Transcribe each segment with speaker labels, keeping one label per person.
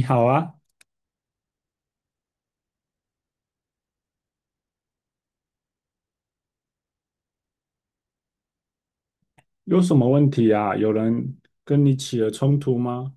Speaker 1: 你好啊，有什么问题啊？有人跟你起了冲突吗？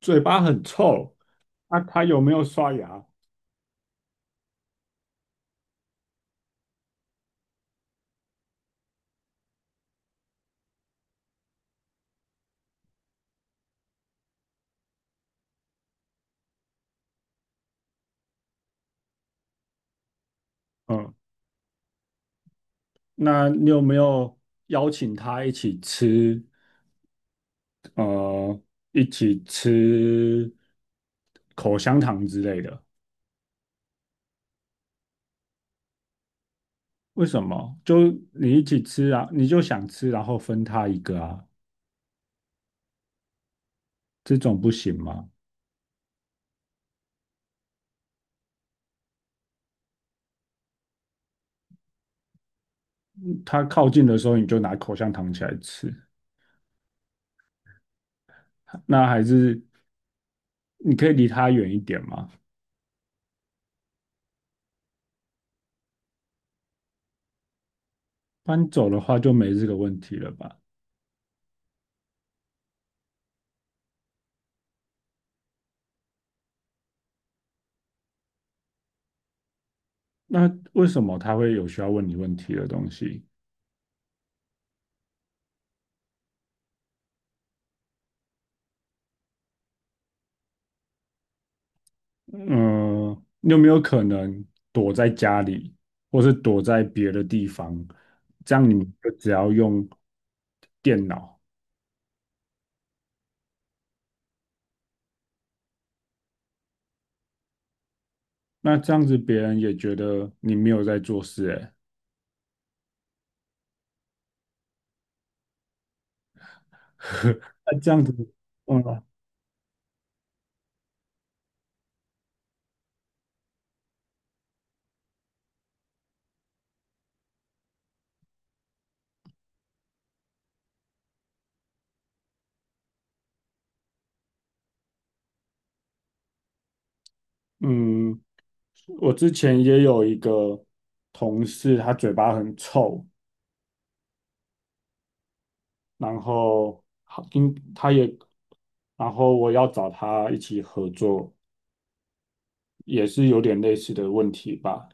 Speaker 1: 嘴巴很臭，啊，他有没有刷牙？嗯，那你有没有邀请他一起吃？呃，一起吃口香糖之类的？为什么？就你一起吃啊，你就想吃，然后分他一个啊，这种不行吗？他靠近的时候，你就拿口香糖起来吃，那还是你可以离他远一点吗？搬走的话就没这个问题了吧？那为什么他会有需要问你问题的东西？嗯，你有没有可能躲在家里，或是躲在别的地方？这样你们就只要用电脑，那这样子别人也觉得你没有在做事、欸，那这样子，嗯嗯，我之前也有一个同事，他嘴巴很臭，然后好，应他也，然后我要找他一起合作，也是有点类似的问题吧。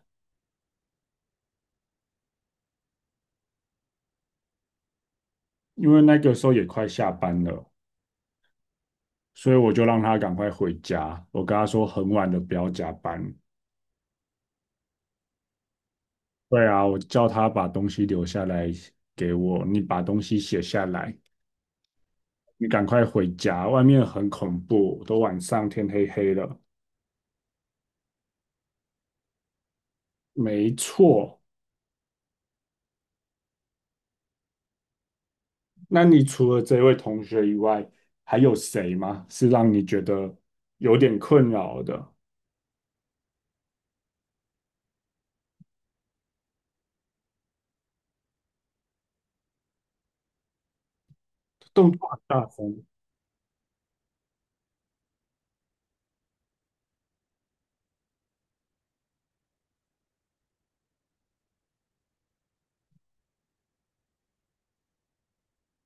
Speaker 1: 因为那个时候也快下班了，所以我就让他赶快回家。我跟他说很晚了，不要加班。对啊，我叫他把东西留下来给我，你把东西写下来，你赶快回家，外面很恐怖，都晚上天黑黑了。没错，那你除了这位同学以外，还有谁吗？是让你觉得有点困扰的？动作很大声，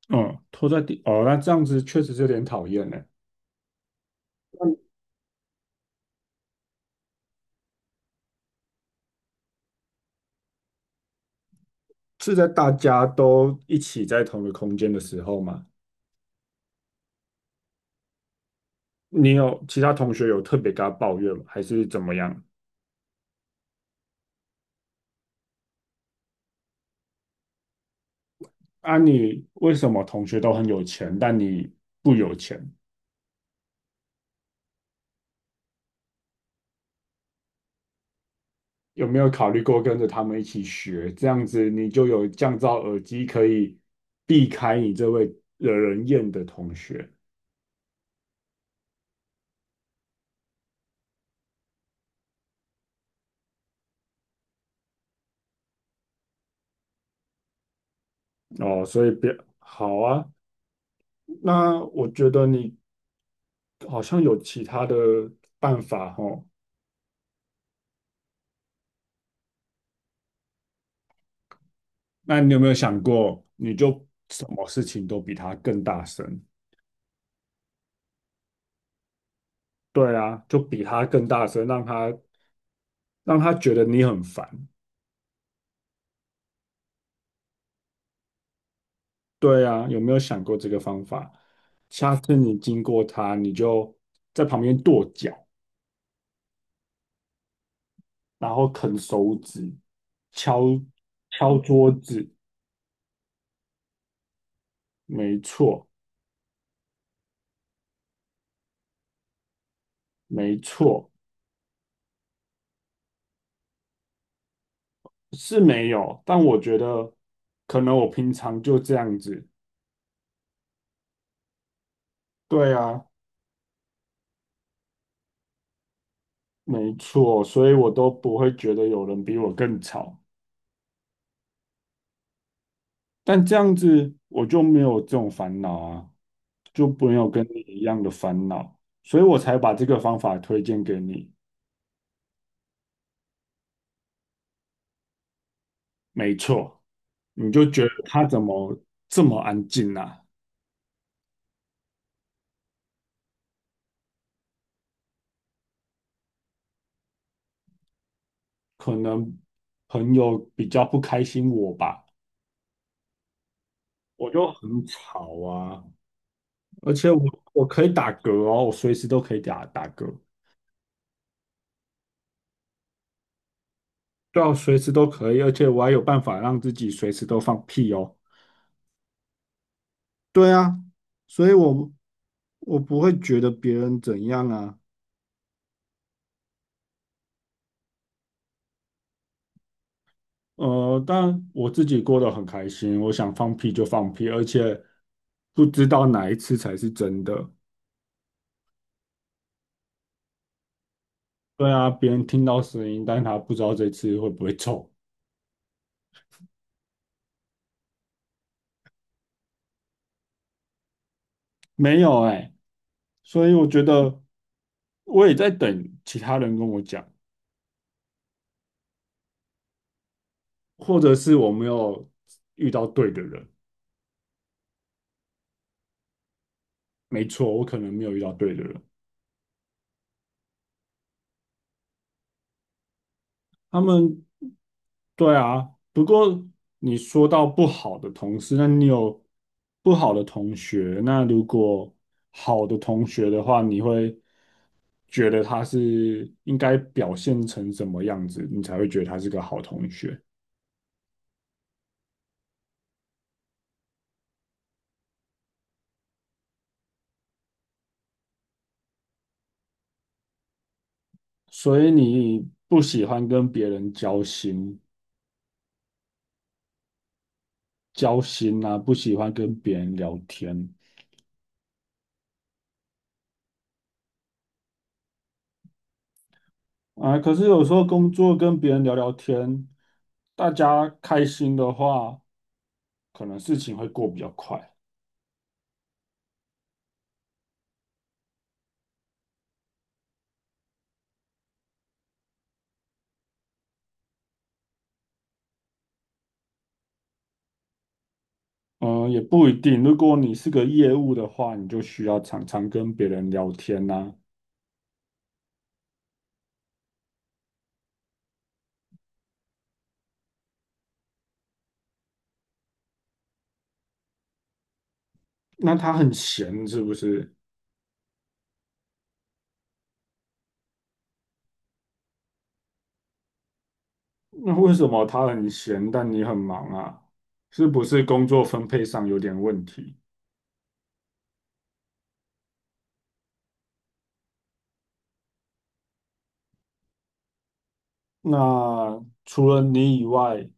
Speaker 1: 嗯，拖在地，哦，那这样子确实是有点讨厌呢。是在大家都一起在同一个空间的时候吗？你有其他同学有特别跟他抱怨吗？还是怎么样？啊，你为什么同学都很有钱，但你不有钱？有没有考虑过跟着他们一起学？这样子你就有降噪耳机，可以避开你这位惹人厌的同学哦。所以别好啊。那我觉得你好像有其他的办法哦。那你有没有想过，你就什么事情都比他更大声？对啊，就比他更大声，让他让他觉得你很烦。对啊，有没有想过这个方法？下次你经过他，你就在旁边跺脚，然后啃手指，敲桌子，没错，没错，是没有，但我觉得可能我平常就这样子，对啊，没错，所以我都不会觉得有人比我更吵，但这样子我就没有这种烦恼啊，就没有跟你一样的烦恼，所以我才把这个方法推荐给你，没错，你就觉得他怎么这么安静啊？可能朋友比较不开心我吧，我就很吵啊，而且我可以打嗝哦，我随时都可以打嗝，对啊，我随时都可以，而且我还有办法让自己随时都放屁哦，对啊，所以我不会觉得别人怎样啊，但我自己过得很开心，我想放屁就放屁，而且不知道哪一次才是真的，对啊，别人听到声音，但他不知道这次会不会臭。没有哎、所以我觉得我也在等其他人跟我讲，或者是我没有遇到对的人。没错，我可能没有遇到对的人。他们，对啊。不过你说到不好的同事，那你有不好的同学，那如果好的同学的话，你会觉得他是应该表现成什么样子，你才会觉得他是个好同学？所以你不喜欢跟别人交心，交心啊，不喜欢跟别人聊天啊。可是有时候工作跟别人聊聊天，大家开心的话，可能事情会过比较快。嗯，也不一定。如果你是个业务的话，你就需要常常跟别人聊天呐、那他很闲是不是？那为什么他很闲，但你很忙啊？是不是工作分配上有点问题？那除了你以外，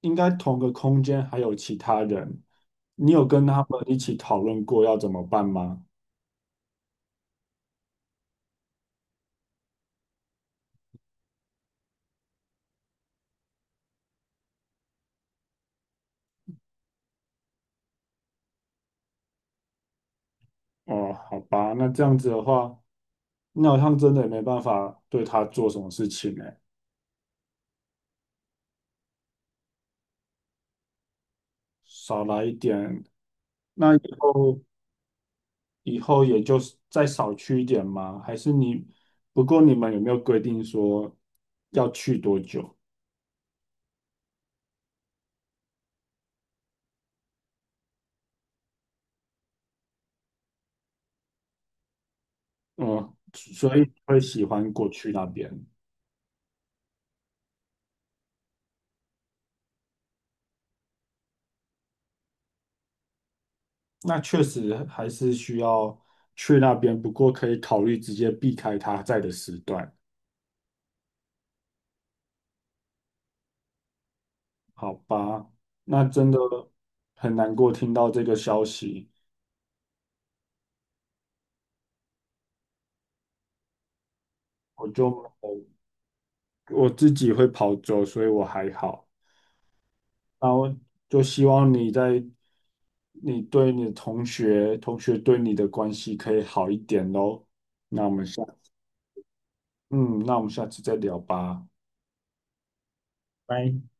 Speaker 1: 应该同个空间还有其他人，你有跟他们一起讨论过要怎么办吗？哦，好吧，那这样子的话，那好像真的也没办法对他做什么事情呢，少来一点，那以后也就是再少去一点吗？还是你，不过你们有没有规定说要去多久？嗯，所以会喜欢过去那边。那确实还是需要去那边，不过可以考虑直接避开他在的时段，好吧？那真的很难过听到这个消息，我就我自己会跑走，所以我还好。然后就希望你在你对你的同学，同学对你的关系可以好一点喽。嗯，那我们下次再聊吧。拜。